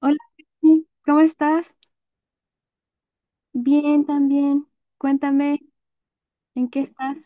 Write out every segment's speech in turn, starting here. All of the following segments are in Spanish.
Hola, Vicky, ¿cómo estás? Bien, también. Cuéntame, ¿en qué estás?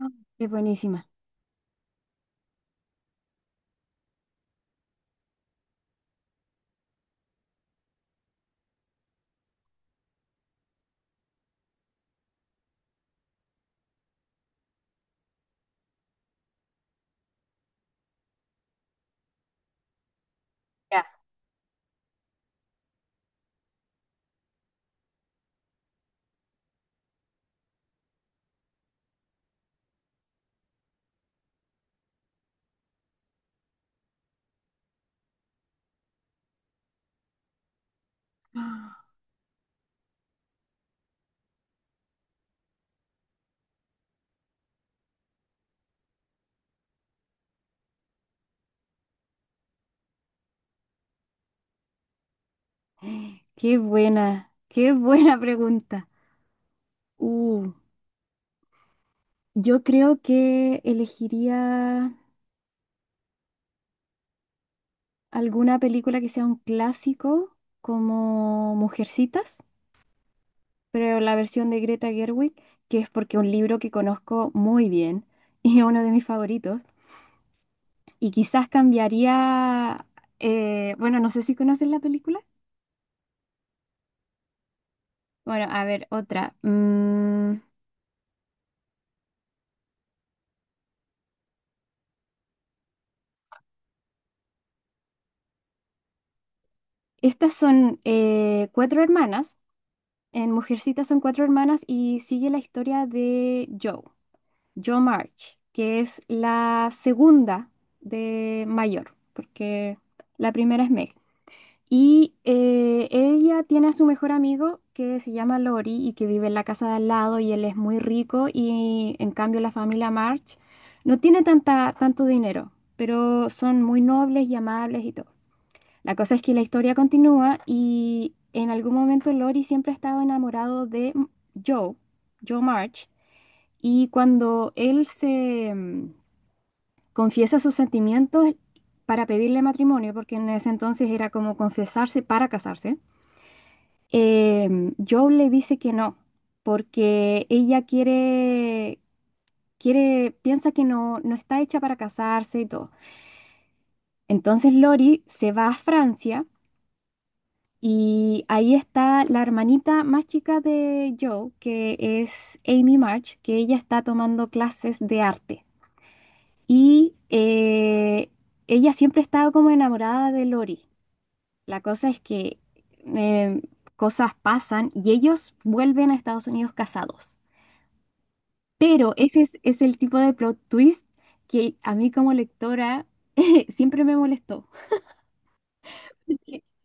Ah, qué buenísima. Ya. Ah, qué buena, qué buena pregunta. Uh, yo creo que elegiría alguna película que sea un clásico como Mujercitas, pero la versión de Greta Gerwig, que es porque un libro que conozco muy bien y es uno de mis favoritos. Y quizás cambiaría, bueno, no sé si conoces la película. Bueno, a ver, otra. Estas son cuatro hermanas. En Mujercitas son cuatro hermanas y sigue la historia de Joe, Joe March, que es la segunda de mayor, porque la primera es Meg. Y ella tiene a su mejor amigo que se llama Lori y que vive en la casa de al lado y él es muy rico y en cambio la familia March no tiene tanta, tanto dinero, pero son muy nobles y amables y todo. La cosa es que la historia continúa y en algún momento Lori siempre ha estado enamorado de Joe, Joe March, y cuando él se confiesa sus sentimientos para pedirle matrimonio, porque en ese entonces era como confesarse para casarse, Joe le dice que no, porque ella quiere, quiere, piensa que no, no está hecha para casarse y todo. Entonces Lori se va a Francia. Y ahí está la hermanita más chica de Joe, que es Amy March, que ella está tomando clases de arte. Y ella siempre estaba como enamorada de Lori. La cosa es que eh, cosas pasan y ellos vuelven a Estados Unidos casados. Pero ese es el tipo de plot twist que a mí como lectora siempre me molestó.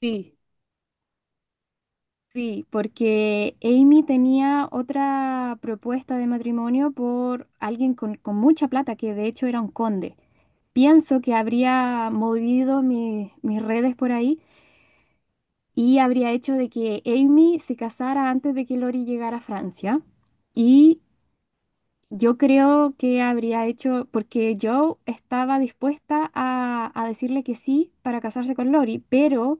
Sí, sí, porque Amy tenía otra propuesta de matrimonio por alguien con mucha plata, que de hecho era un conde. Pienso que habría movido mis redes por ahí y habría hecho de que Amy se casara antes de que Lori llegara a Francia. Y yo creo que habría hecho, porque yo estaba dispuesta a decirle que sí para casarse con Lori, pero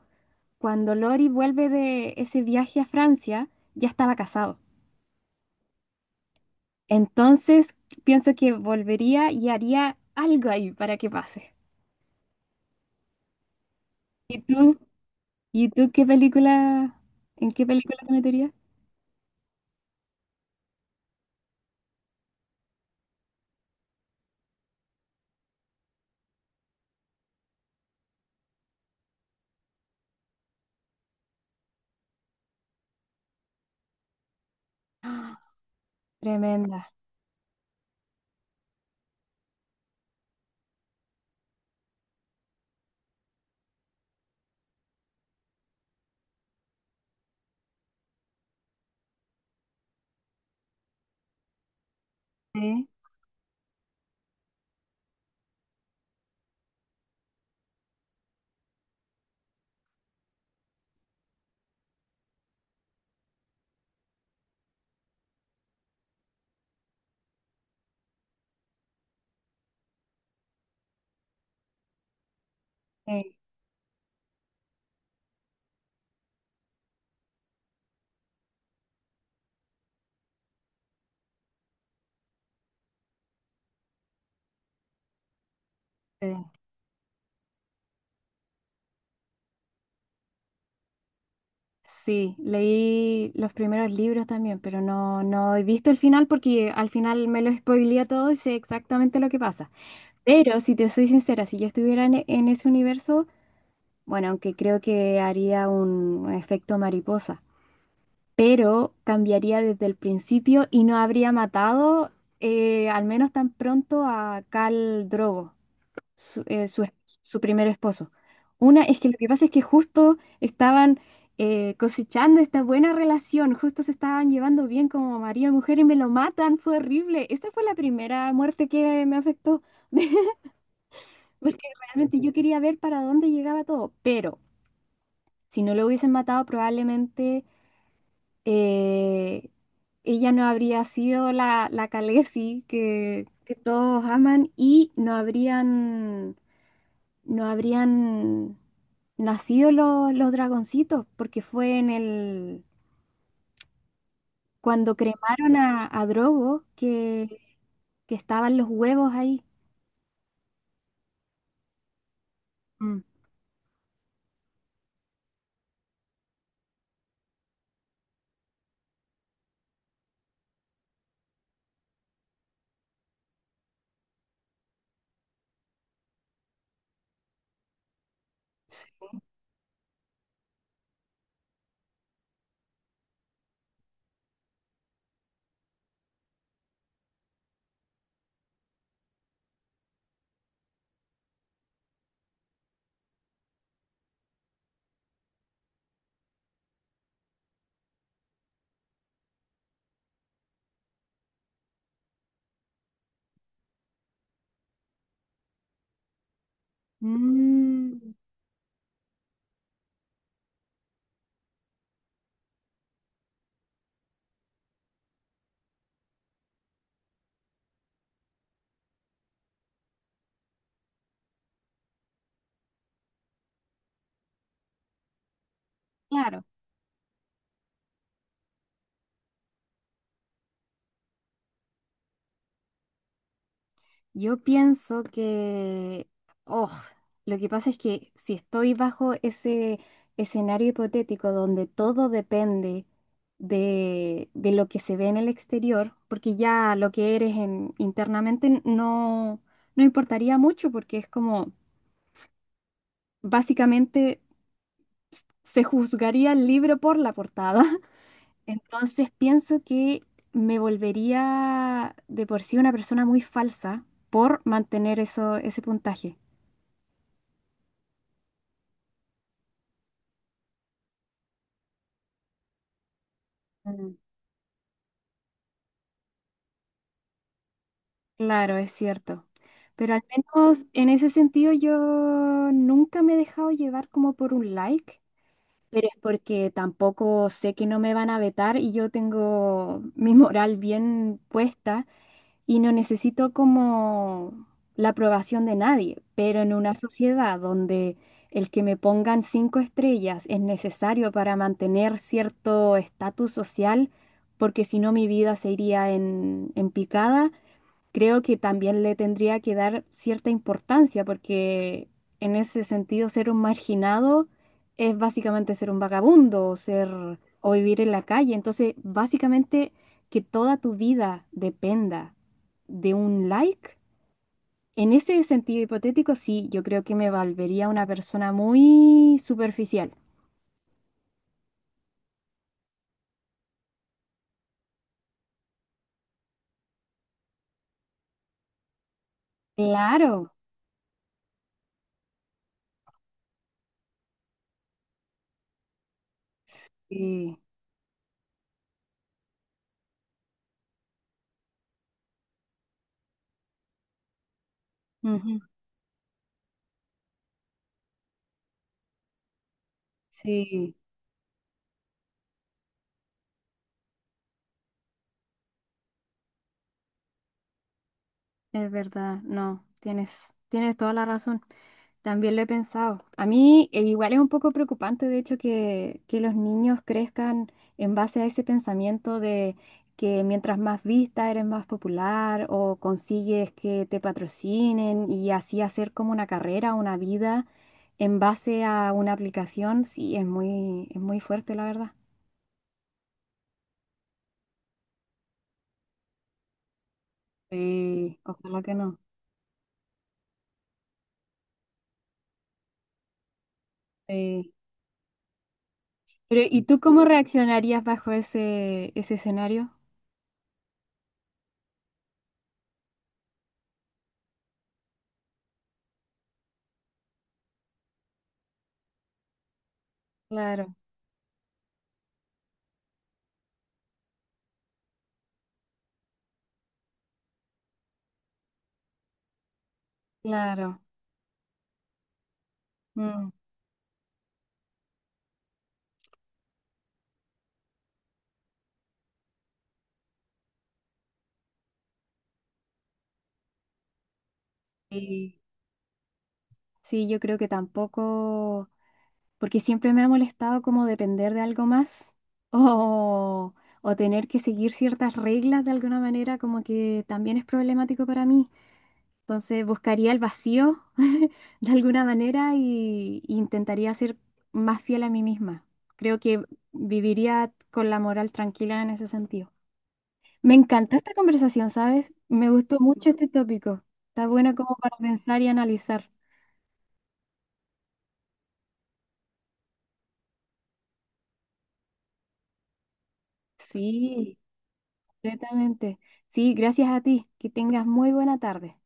cuando Lori vuelve de ese viaje a Francia, ya estaba casado. Entonces, pienso que volvería y haría algo ahí para que pase. ¿Y tú? ¿Y tú qué película, en qué película te meterías? ¡Ah! Tremenda. Sí, sí, sí. Sí, leí los primeros libros también, pero no, no he visto el final porque al final me lo spoileé todo y sé exactamente lo que pasa. Pero si te soy sincera, si yo estuviera en ese universo, bueno, aunque creo que haría un efecto mariposa. Pero cambiaría desde el principio y no habría matado al menos tan pronto a Khal Drogo, su, eh, su, es- su primer esposo. Una es que lo que pasa es que justo estaban cosechando esta buena relación, justo se estaban llevando bien como marido y mujer y me lo matan, fue horrible. Esa fue la primera muerte que me afectó, porque realmente yo quería ver para dónde llegaba todo, pero si no lo hubiesen matado probablemente eh, ella no habría sido la, la Khaleesi que todos aman y no habrían, no habrían nacido los dragoncitos, porque fue en el, cuando cremaron a Drogo que estaban los huevos ahí. Mm. Sí. Mm. Claro. Yo pienso que, oh, lo que pasa es que si estoy bajo ese escenario hipotético donde todo depende de lo que se ve en el exterior, porque ya lo que eres internamente no, no importaría mucho, porque es como, básicamente se juzgaría el libro por la portada. Entonces pienso que me volvería de por sí una persona muy falsa por mantener eso, ese puntaje. Mm, Claro, es cierto. Pero al menos en ese sentido yo nunca me he dejado llevar como por un like, pero es porque tampoco sé que no me van a vetar y yo tengo mi moral bien puesta y no necesito como la aprobación de nadie. Pero en una sociedad donde el que me pongan cinco estrellas es necesario para mantener cierto estatus social, porque si no mi vida se iría en picada. Creo que también le tendría que dar cierta importancia, porque en ese sentido ser un marginado es básicamente ser un vagabundo o ser o vivir en la calle. Entonces, básicamente que toda tu vida dependa de un like, en ese sentido hipotético, sí, yo creo que me volvería una persona muy superficial. Claro. Sí. Ujú. Sí. Es verdad, no, tienes, tienes toda la razón. También lo he pensado. A mí igual es un poco preocupante, de hecho, que los niños crezcan en base a ese pensamiento de que mientras más vista eres más popular o consigues que te patrocinen y así hacer como una carrera, una vida en base a una aplicación, sí, es muy fuerte, la verdad. Sí, ojalá que no. Sí. Pero, ¿y tú cómo reaccionarías bajo ese, ese escenario? Claro, claro. Mm, sí, sí, yo creo que tampoco, porque siempre me ha molestado como depender de algo más o, o tener que seguir ciertas reglas de alguna manera, como que también es problemático para mí. Entonces buscaría el vacío de alguna manera y intentaría ser más fiel a mí misma. Creo que viviría con la moral tranquila en ese sentido. Me encanta esta conversación, ¿sabes? Me gustó mucho este tópico. Está bueno como para pensar y analizar. Sí, completamente. Sí, gracias a ti. Que tengas muy buena tarde.